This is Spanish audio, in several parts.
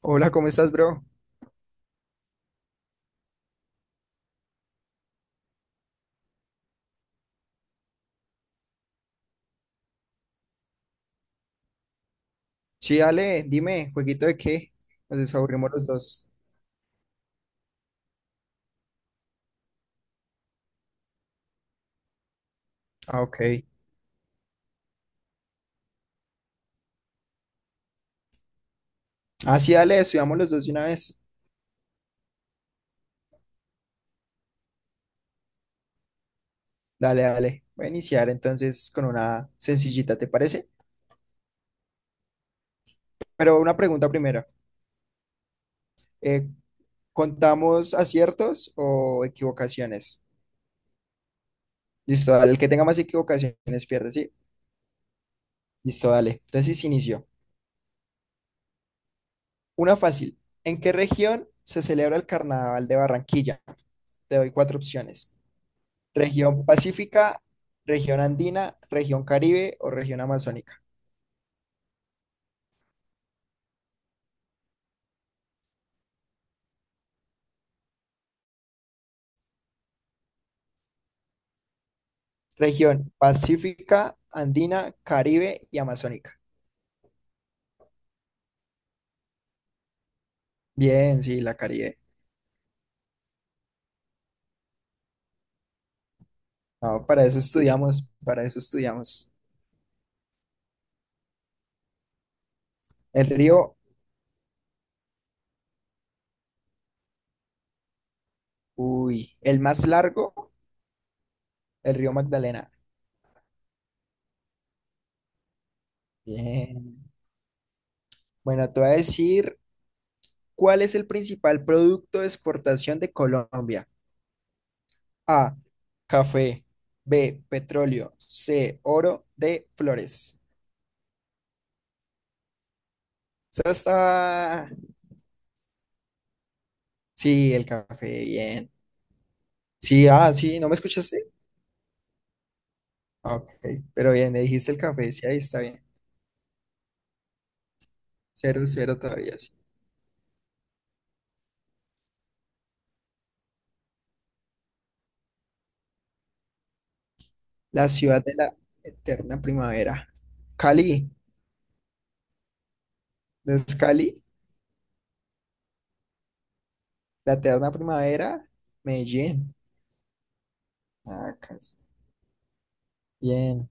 Hola, ¿cómo estás, bro? Sí, dale, dime, ¿jueguito de qué? Nos desaburrimos los dos. Ah, ok. Ah, sí, dale, estudiamos los dos de una vez. Dale, dale. Voy a iniciar entonces con una sencillita, ¿te parece? Pero una pregunta primero. Eh, ¿Contamos aciertos o equivocaciones? Listo, dale. El que tenga más equivocaciones pierde, ¿sí? Listo, dale. Entonces inicio. Una fácil. ¿En qué región se celebra el Carnaval de Barranquilla? Te doy cuatro opciones. Región Pacífica, región andina, región Caribe o región amazónica. Región Pacífica, andina, Caribe y amazónica. Bien, sí, la Caribe. No, para eso estudiamos, para eso estudiamos. El río, uy, el más largo, el río Magdalena. Bien. Bueno, te voy a decir cuál es el principal producto de exportación de Colombia. A, café. B, petróleo. C, oro. D, flores. Esa está. Sí, el café, bien. Sí, ah, sí, ¿no me escuchaste? Ah, ok, pero bien, me dijiste el café, sí, ahí está bien. Cero, cero todavía, sí. La ciudad de la eterna primavera. Cali, ¿no es Cali? La eterna primavera, Medellín. Ah, casi. Bien.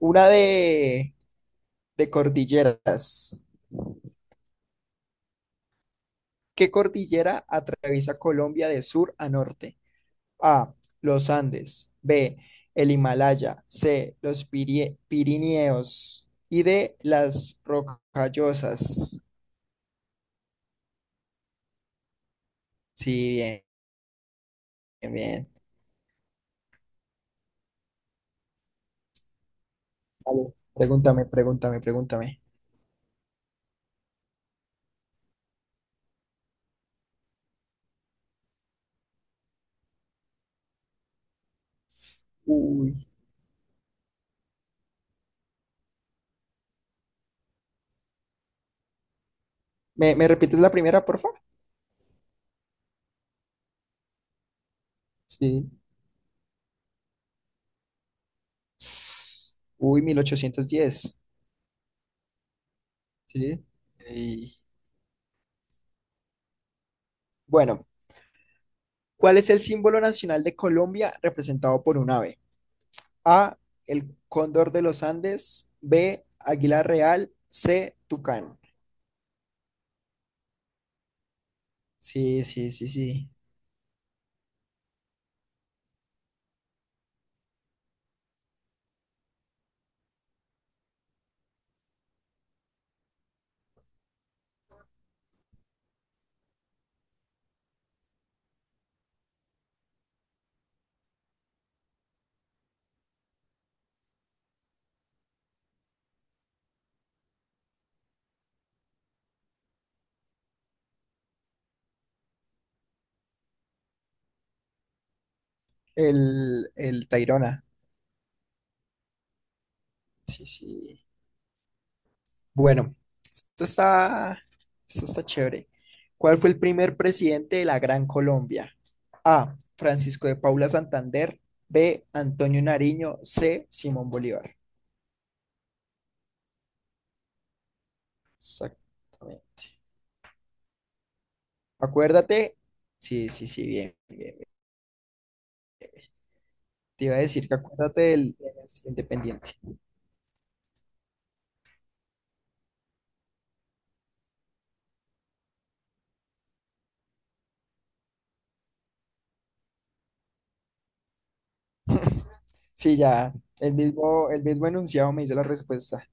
Una de cordilleras. ¿Qué cordillera atraviesa Colombia de sur a norte? A. Los Andes. B. El Himalaya. C. Los Pirineos. Y D. Las Rocallosas. Sí, bien, bien, bien. Vale, pregúntame, pregúntame, pregúntame. Uy. ¿Me, me repites la primera, por favor? Sí. Uy, 1810. Sí. Y- bueno, ¿cuál es el símbolo nacional de Colombia representado por un ave? A, el cóndor de los Andes, B, águila real, C, tucán. Sí, sí, sí, sí. El Tayrona. Sí, sí. Bueno, esto está, esto está chévere. ¿Cuál fue el primer presidente de la Gran Colombia? A. Francisco de Paula Santander. B. Antonio Nariño. C. Simón Bolívar. Exactamente. Acuérdate. Sí, sí, sí, bien, bien, bien. Te iba a decir que acuérdate del independiente. Sí, ya. El mismo enunciado me dice la respuesta.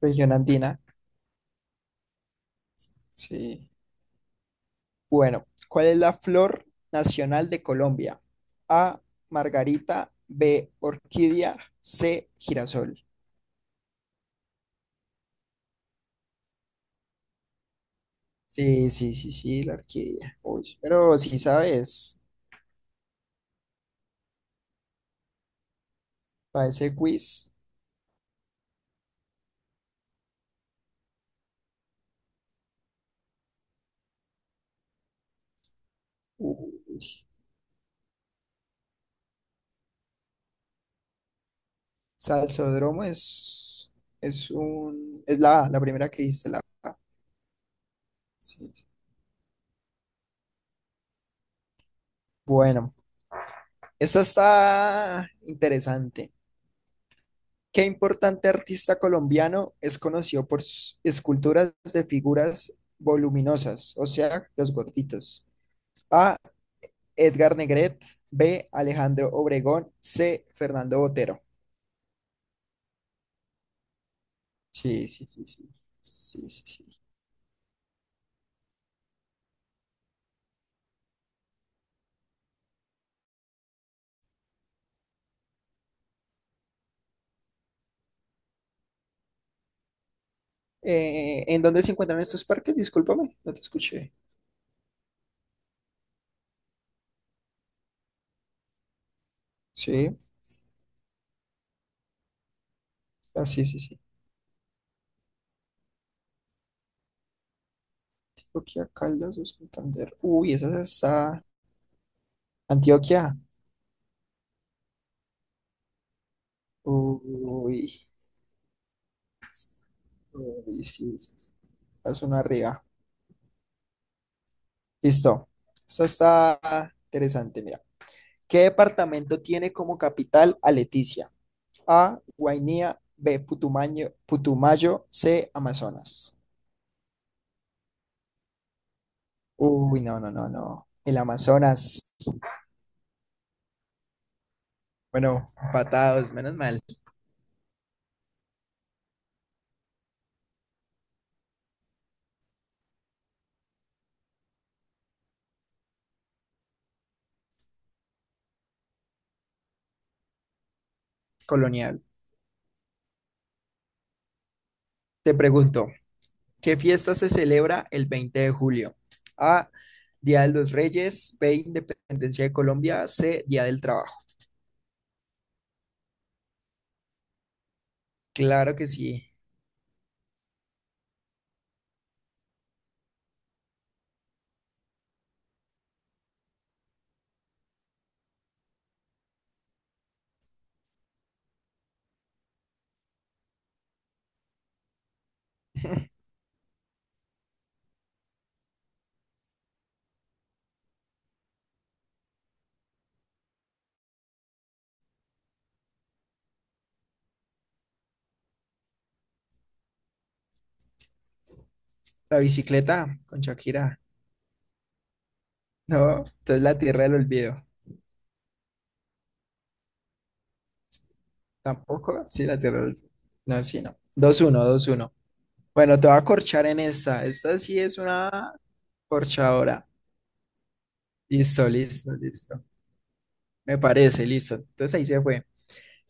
Región andina. Sí. Bueno, ¿cuál es la flor nacional de Colombia? A, margarita, B, orquídea, C, girasol. Sí, sí, sí, sí, la orquídea. Uy, pero si sabes, para ese quiz, uy, salsódromo es un, es la A, la primera que diste, la A. Sí, sí. Bueno, esta está interesante. ¿Qué importante artista colombiano es conocido por sus esculturas de figuras voluminosas, o sea, los gorditos? A. Edgar Negret. B. Alejandro Obregón. C. Fernando Botero. Sí, sí, sí, sí. Sí, sí, sí. ¿En dónde se encuentran estos parques? Discúlpame, no te escuché. Sí, ah, sí, sí, sí. Antioquia, Caldas o Santander. Uy, esa está. Antioquia. Uy, uy, sí, sí, sí. La zona arriba. Listo. Esta está interesante, mira. ¿Qué departamento tiene como capital a Leticia? A, Guainía, B, Putumayo, C, Amazonas. Uy, no, no, no, no. El Amazonas. Bueno, patados, menos mal. Colonial. Te pregunto, ¿qué fiesta se celebra el 20 de julio? A, Día de los Reyes, B, Independencia de Colombia, C, Día del Trabajo. Claro que sí. La bicicleta con Shakira. No, entonces la Tierra del Olvido. Tampoco, sí, la Tierra del Olvido. No, sí, no. Dos uno, dos uno. Bueno, te voy a corchar en esta. Esta sí es una corchadora. Listo, listo, listo. Me parece, listo. Entonces ahí se fue.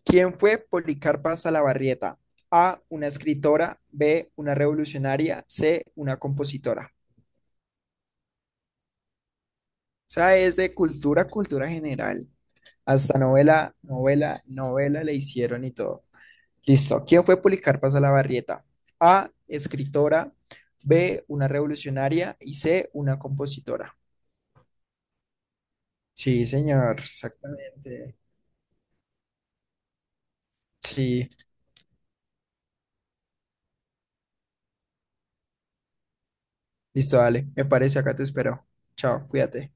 ¿Quién fue Policarpa Salabarrieta? A, una escritora, B, una revolucionaria, C, una compositora. O sea, es de cultura, cultura general. Hasta novela, novela, novela le hicieron y todo. Listo. ¿Quién fue Policarpa Salabarrieta? A, escritora, B, una revolucionaria y C, una compositora. Sí, señor, exactamente. Sí, listo, dale. Me parece, acá te espero. Chao, cuídate.